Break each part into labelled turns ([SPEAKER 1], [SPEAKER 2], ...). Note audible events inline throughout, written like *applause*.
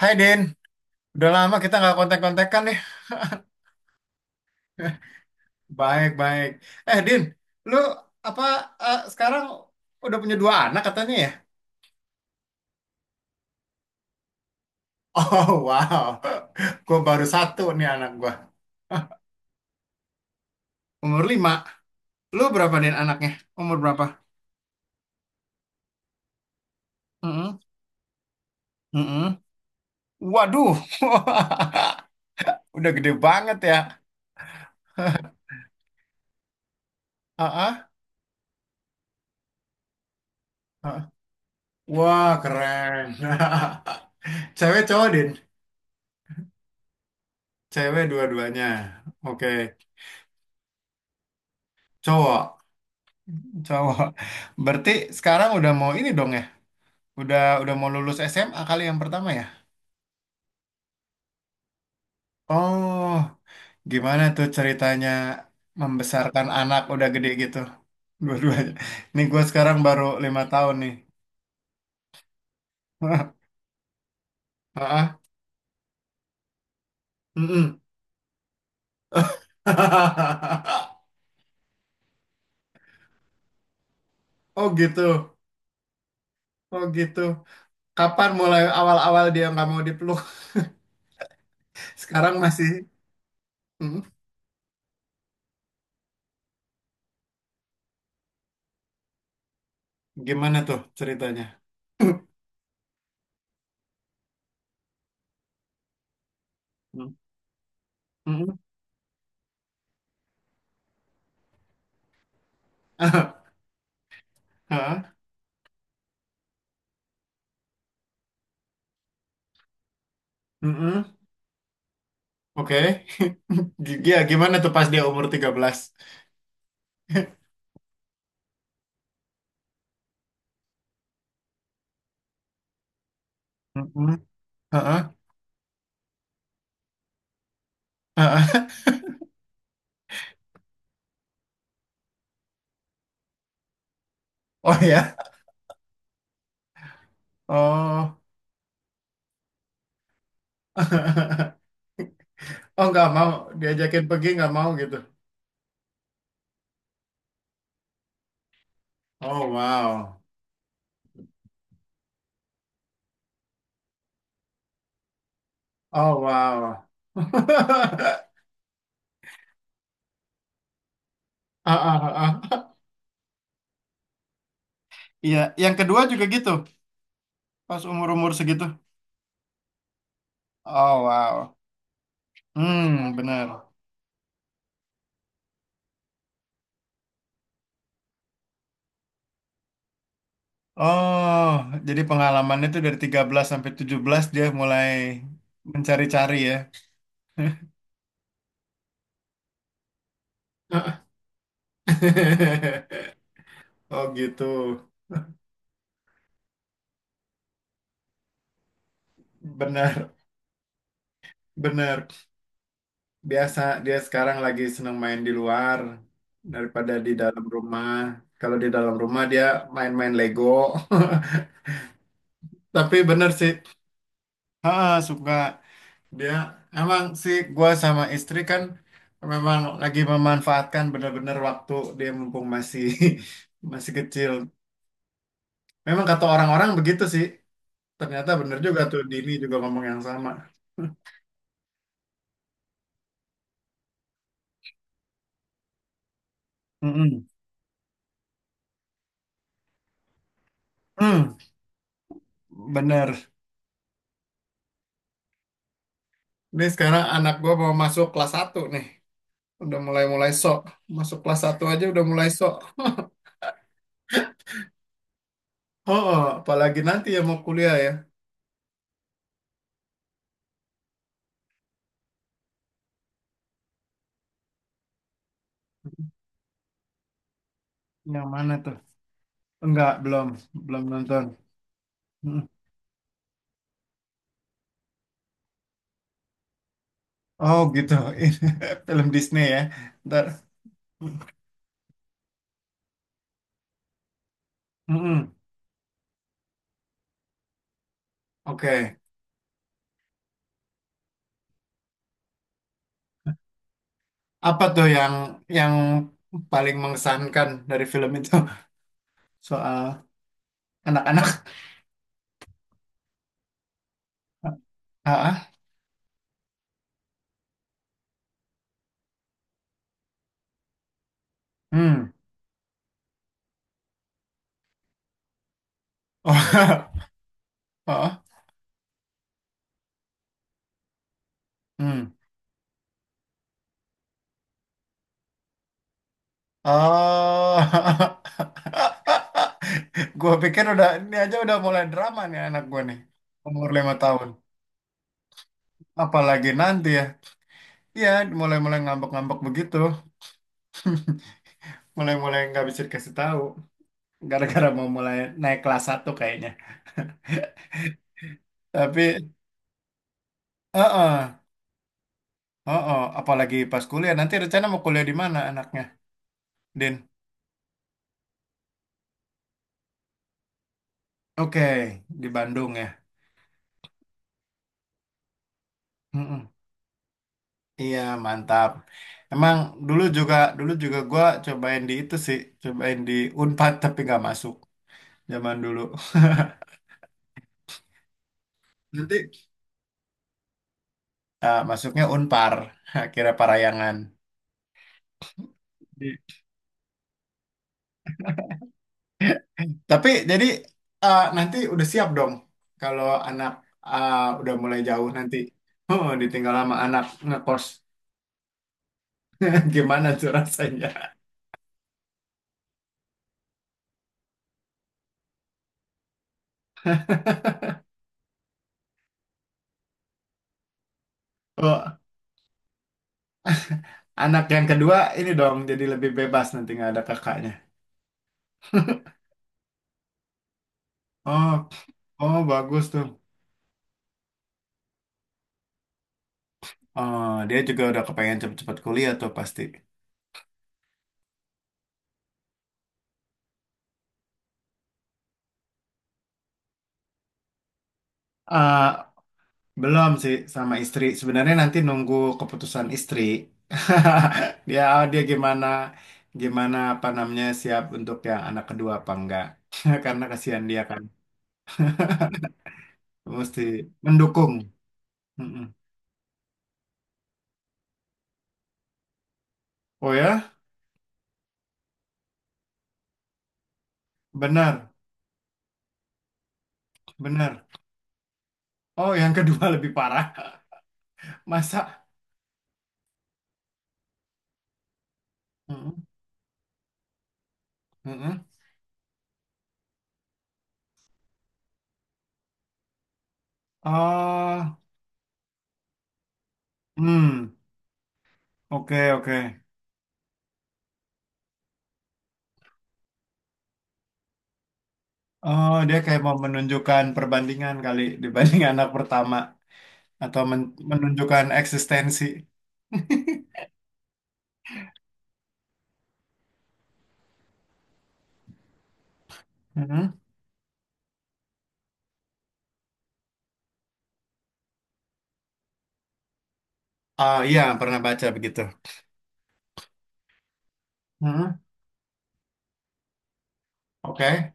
[SPEAKER 1] Hai Din, udah lama kita nggak kontak-kontakan nih. *laughs* Baik, baik. Eh Din, lu apa sekarang udah punya dua anak katanya ya? *laughs* Oh wow, gue baru satu nih anak gua. Umur lima. Lu berapa Din anaknya? Umur berapa? Mm-mm. Mm-mm. Waduh, *laughs* udah gede banget ya. Ah, ah, ah. Wah keren. *laughs* Cewek cowok Din? Cewek dua-duanya. Oke, cowok. Cowok. Berarti sekarang udah mau ini dong ya? Udah mau lulus SMA kali yang pertama ya? Oh, gimana tuh ceritanya membesarkan anak udah gede gitu? Dua-duanya. Nih gue sekarang baru 5 tahun nih. *laughs* Heeh. Mm-mm. *laughs* Oh gitu. Oh gitu. Kapan mulai awal-awal dia nggak mau dipeluk? *laughs* Sekarang masih. Mm. Gimana tuh ceritanya? Mm. Mm-mm. *laughs* Heeh. Mm-mm. Oke. *laughs* Ya, gimana tuh pas dia umur 13? Mm-mm. Heeh. Heeh. *laughs* Oh ya. Oh. *laughs* Oh, nggak mau diajakin pergi nggak mau gitu. Oh, wow. Oh, wow. *laughs* Ah, ah, ah, ah. Iya, yang kedua juga gitu. Pas umur-umur segitu. Oh, wow. Hmm, benar. Oh, jadi pengalamannya itu dari 13 sampai 17 dia mulai mencari-cari ya. *laughs* Oh gitu, benar, benar. Biasa dia sekarang lagi senang main di luar daripada di dalam rumah. Kalau di dalam rumah dia main-main Lego. *laughs* Tapi bener sih, ha, suka dia. Emang sih gua sama istri kan memang lagi memanfaatkan bener-bener waktu dia mumpung masih *laughs* masih kecil. Memang kata orang-orang begitu sih. Ternyata bener juga tuh Dini juga ngomong yang sama. Mm-mm. Hmm, bener. Ini sekarang anak gua mau masuk kelas satu nih. Udah mulai-mulai sok. Masuk kelas satu aja udah mulai sok. *laughs* Oh, oh, apalagi nanti ya mau kuliah ya. Yang mana tuh? Enggak, belum. Belum nonton. Mm. Oh gitu. *laughs* Ini film Disney ya. Ntar. Mm-mm. Oke. Apa tuh yang paling mengesankan dari film itu? *laughs* Soal anak-anak. Ah, ah. Hmm. *laughs* Oh, *laughs* oh. Hmm. Oh, *laughs* gue pikir udah ini aja udah mulai drama nih anak gue nih umur 5 tahun. Apalagi nanti ya, iya mulai-mulai ngambek-ngambek begitu, mulai-mulai nggak bisa dikasih tahu, gara-gara mau mulai naik kelas satu kayaknya. *laughs* Tapi, heeh, heeh, apalagi pas kuliah nanti rencana mau kuliah di mana anaknya, Din? Oke, di Bandung ya. Mm-mm. Iya, mantap. Emang dulu juga gua cobain di itu sih, cobain di Unpad *laughs* tapi nggak masuk zaman dulu. *laughs* Nanti masuknya Unpar, *laughs* akhirnya Parayangan. Di- *laughs* Tapi jadi nanti udah siap dong kalau anak eh, udah mulai jauh nanti. *laughs* Oh, ditinggal sama anak ngekos. *laughs* Gimana tuh rasanya? *laughs* Oh, anak yang kedua ini dong jadi lebih bebas nanti nggak ada kakaknya. *laughs* Oh, oh bagus tuh. Oh dia juga udah kepengen cepet-cepet kuliah tuh pasti. Eh, belum sih sama istri. Sebenarnya nanti nunggu keputusan istri. *laughs* Dia gimana gimana apa namanya siap untuk yang anak kedua apa enggak? *laughs* Karena kasihan dia kan mesti mendukung. Mm-mm. Oh ya, benar, benar. Oh, yang kedua *laughs* lebih parah. Masa? Mm-mm, mm-mm. Oh, hmm, oke oke. Oh, dia kayak mau menunjukkan perbandingan kali dibanding *laughs* anak pertama atau menunjukkan eksistensi. Mhm. Ah, iya, pernah baca begitu. Mhm. Oke.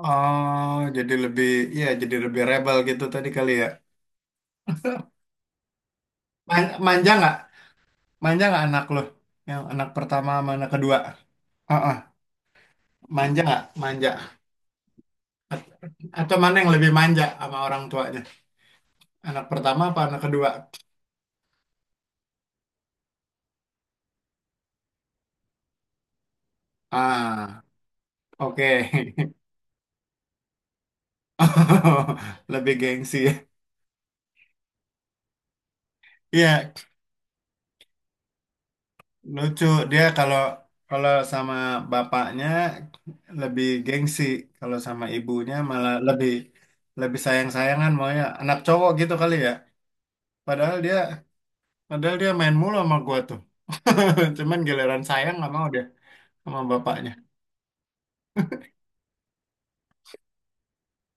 [SPEAKER 1] Oh, jadi lebih jadi lebih rebel gitu tadi kali ya. *laughs* Manja nggak? Manja nggak anak lo? Yang anak pertama sama anak kedua? Heeh. Manja nggak? Manja. Atau mana yang lebih manja sama orang tuanya? Anak pertama apa anak kedua? Ah, oke. *laughs* Lebih gengsi. Iya, lucu dia kalau kalau sama bapaknya lebih gengsi, kalau sama ibunya malah lebih lebih sayang-sayangan maunya anak cowok gitu kali ya. Padahal dia padahal dia main mulu sama gua tuh. *laughs* Cuman giliran sayang nggak mau dia sama bapaknya.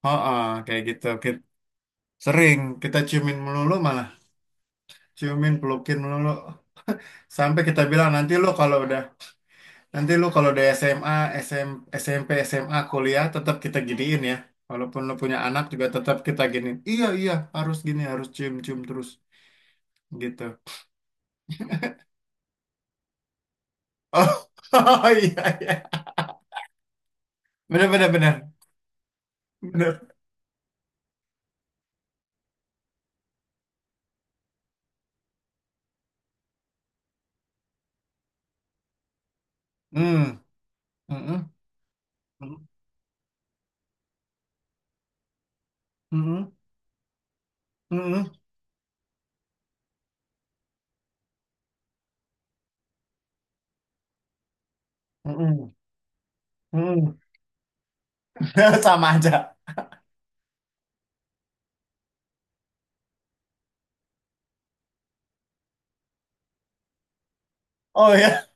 [SPEAKER 1] Oh, oh, kayak gitu. Sering kita ciumin melulu malah, ciumin pelukin melulu sampai kita bilang nanti lo kalau udah. Nanti lu kalau di SMA, SM, SMP, SMA, kuliah tetap kita giniin ya. Walaupun lu punya anak juga tetap kita giniin. Iya, iya, harus gini, harus cium-cium terus gitu. Oh, *laughs* iya, iya. Bener, bener, bener. Bener. Hmm. Mm-mm. Mm-mm. Mm-mm. Mm-mm. Mm-mm. *laughs* Mm-mm. Sama aja. Oh ya,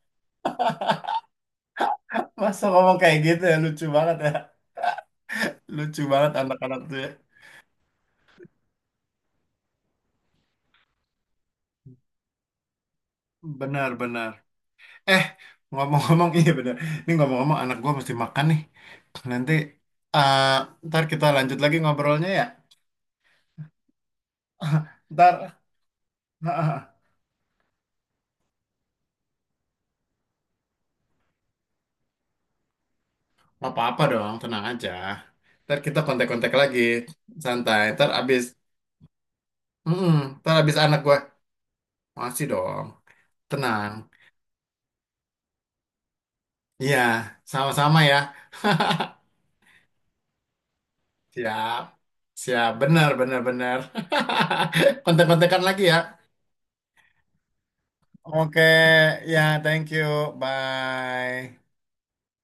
[SPEAKER 1] masa ngomong kayak gitu ya. Lucu banget anak-anak tuh ya. Benar, benar. Eh, ngomong-ngomong, iya benar. Ini ngomong-ngomong anak gua mesti makan nih. Nanti eh Ntar kita lanjut lagi ngobrolnya ya. *laughs* Ntar *laughs* apa-apa dong, tenang aja. Ntar kita kontak-kontak lagi, santai. Mm Ntar abis anak gue masih dong, tenang. Iya, sama-sama ya. Siap, siap, benar, benar, benar. *laughs* Kontak-kontakan lagi ya. Oke, ya, thank you, bye.